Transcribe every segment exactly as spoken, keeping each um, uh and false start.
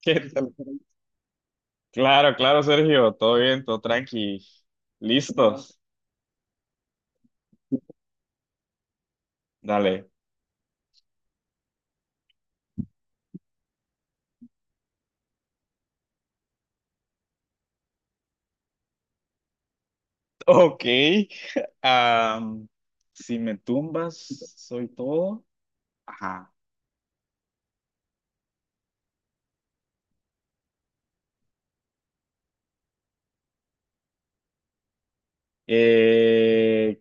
¿Qué tal? Claro, claro, Sergio, todo bien, todo tranqui. ¿Listos? Dale. Ok. am, si me tumbas, soy todo. Ajá. Eh,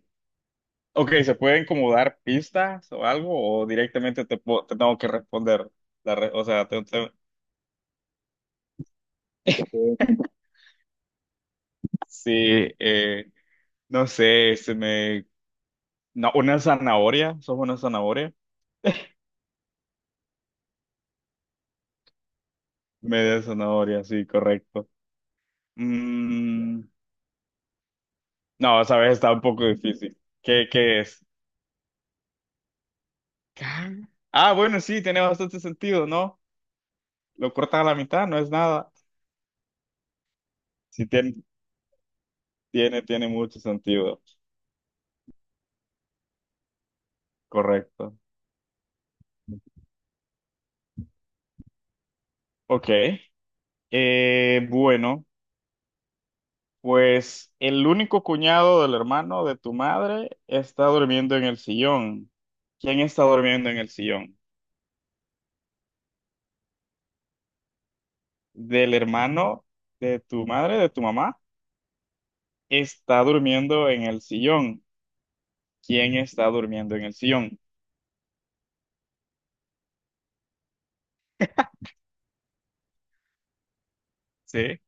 ok, ¿se pueden como dar pistas o algo? ¿O directamente te, po- te tengo que responder? La re- o sea, te- te- sí, eh, no sé, se me... no, una zanahoria, sos una zanahoria. Media zanahoria, sí, correcto. Mm, No, esa vez está un poco difícil. ¿Qué, qué es? Ca- Ah, bueno, sí, tiene bastante sentido, ¿no? Lo cortas a la mitad, no es nada. Sí, tiene, tiene, tiene mucho sentido. Correcto. Ok. Eh, bueno, pues el único cuñado del hermano de tu madre está durmiendo en el sillón. ¿Quién está durmiendo en el sillón? ¿Del hermano de tu madre, de tu mamá? Está durmiendo en el sillón. ¿Quién está durmiendo en el sillón? Sí.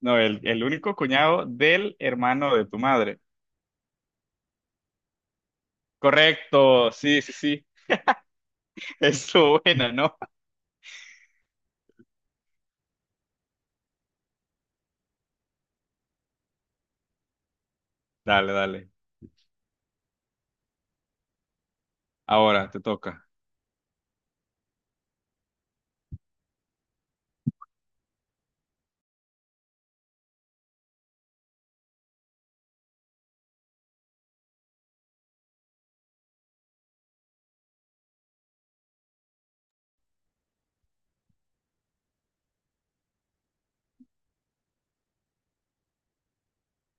No, el, el único cuñado del hermano de tu madre. Correcto, sí, sí, sí. Eso, buena, ¿no? Dale, dale. Ahora te toca.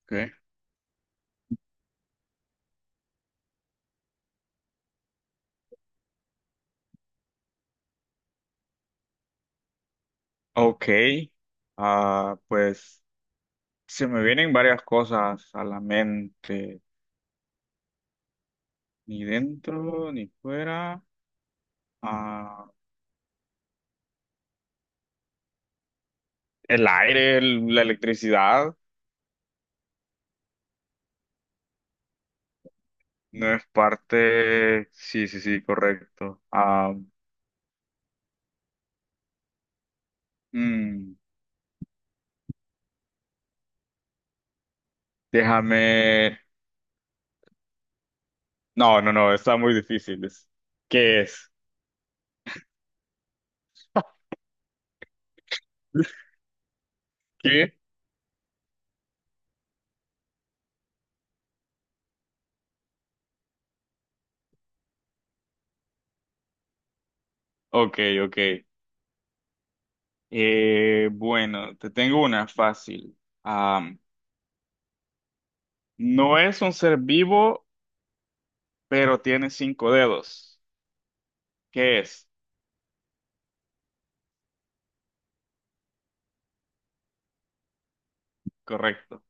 ¿Qué? Ok. Ah, pues se me vienen varias cosas a la mente. Ni dentro, ni fuera. Ah, el aire, el- la electricidad. No es parte. Sí, sí, sí, correcto. Ah, mm, déjame. No, no, no, está muy difícil. Es- ¿Qué es? ¿Qué? Ok, ok. Eh, bueno, te tengo una fácil. Am, no es un ser vivo, pero tiene cinco dedos. ¿Qué es? Correcto.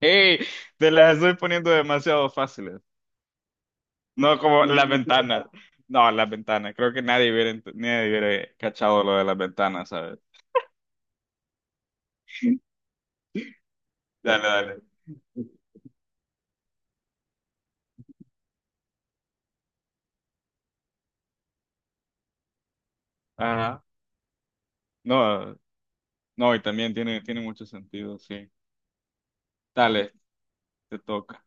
¡Ey! Te las estoy poniendo demasiado fáciles. No como las ventanas. No, las ventanas. Creo que nadie hubiera, ent- nadie hubiera cachado lo de las ventanas, ¿sabes? Dale, dale. Ajá. No, no, y también tiene, tiene mucho sentido, sí. Dale, te toca.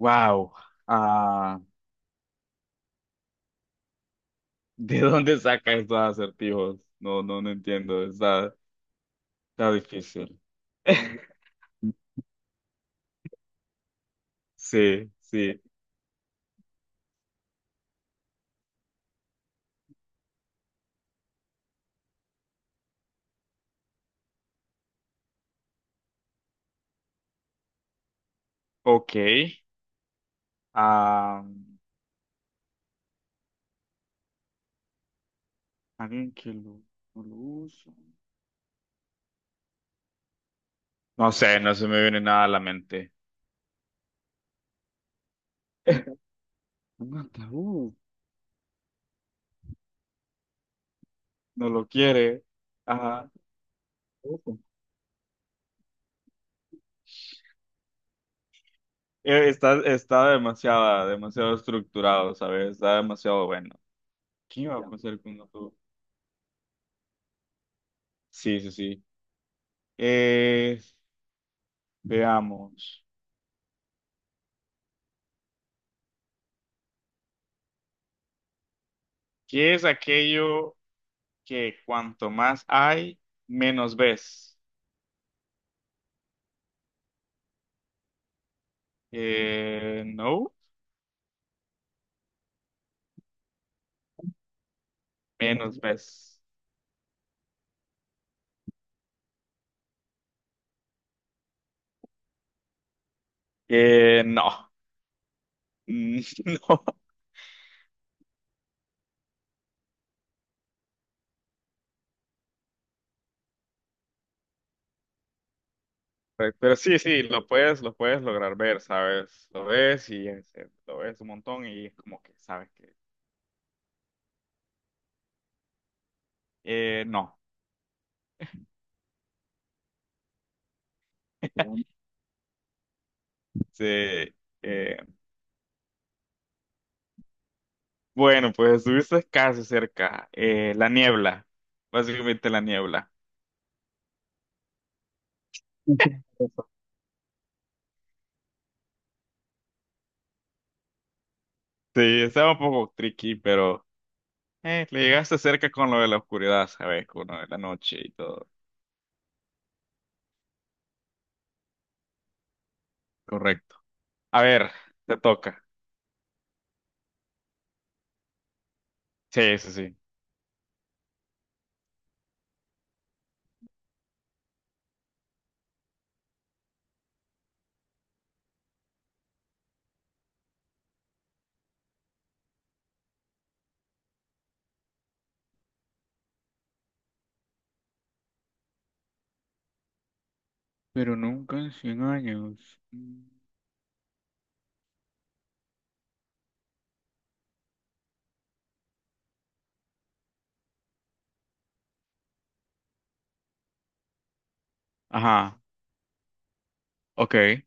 Wow. ¿De dónde saca estos acertijos? No, no, no entiendo. Está, está difícil. Sí, sí. Ok. Ah, alguien que lo, no lo usa. No sé, no se me viene nada a la mente. Un ataúd. No lo quiere. Ajá. Ojo. Eh, Está, está demasiado, demasiado estructurado, ¿sabes? Está demasiado bueno. ¿Qué iba a pasar con un ataúd? Sí, sí, sí. Eh, Veamos. ¿Qué es aquello que cuanto más hay, menos ves? Eh, no, menos ves. Eh, no, no. Pero sí, sí, lo puedes, lo puedes lograr ver, ¿sabes? Lo ves y es- eh, lo ves un montón y es como que sabes que eh, no. Sí, eh, bueno, pues estuviste casi cerca. Eh, la niebla, básicamente la niebla. Sí, estaba un poco tricky, pero eh, le llegaste cerca con lo de la oscuridad, ¿sabes? Con lo de la noche y todo. Correcto. A ver, te toca. Sí, sí, sí. Pero nunca en cien años. Mm. Ajá, ok.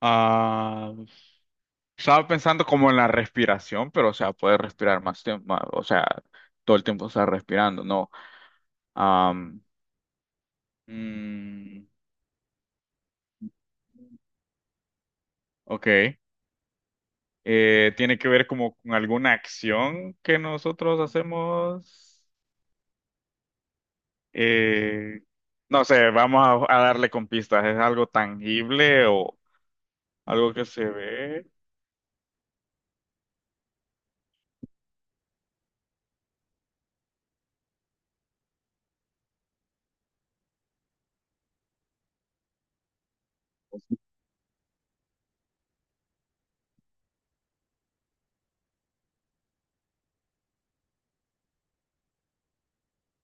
Ah, estaba pensando como en la respiración, pero o sea, puedes respirar más tiempo, o sea, todo el tiempo estás respirando, ¿no? Am, mm, ok. Eh, tiene que ver como con alguna acción que nosotros hacemos. Eh, no sé, vamos a, a darle con pistas. ¿Es algo tangible o algo que se ve?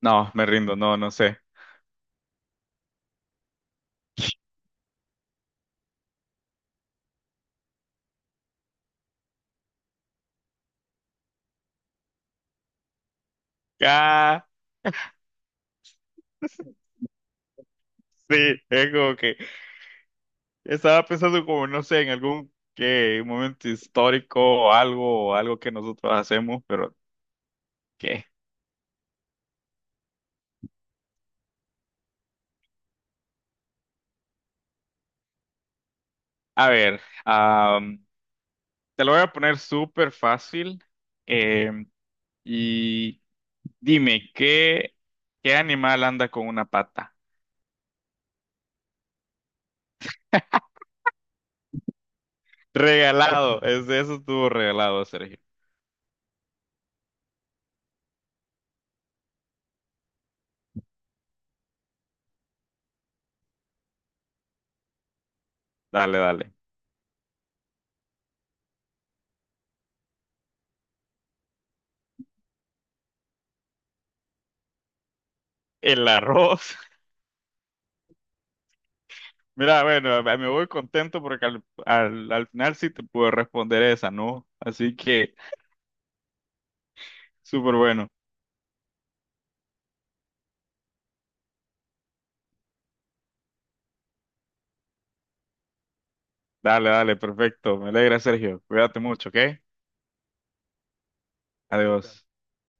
No, me rindo, no, no sé. Ah, sí, es como que estaba pensando como, no sé, en algún que momento histórico o algo, o algo que nosotros hacemos, pero ¿qué? A ver, am, te lo voy a poner súper fácil. em, y dime, ¿qué, qué animal anda con una pata? Regalado, es- eso estuvo regalado, Sergio. Dale, dale. El arroz. Mira, bueno, me me voy contento porque al, al, al final sí te pude responder esa, ¿no? Así que, súper bueno. Dale, dale, perfecto. Me alegra, Sergio. Cuídate mucho, ¿ok? Adiós.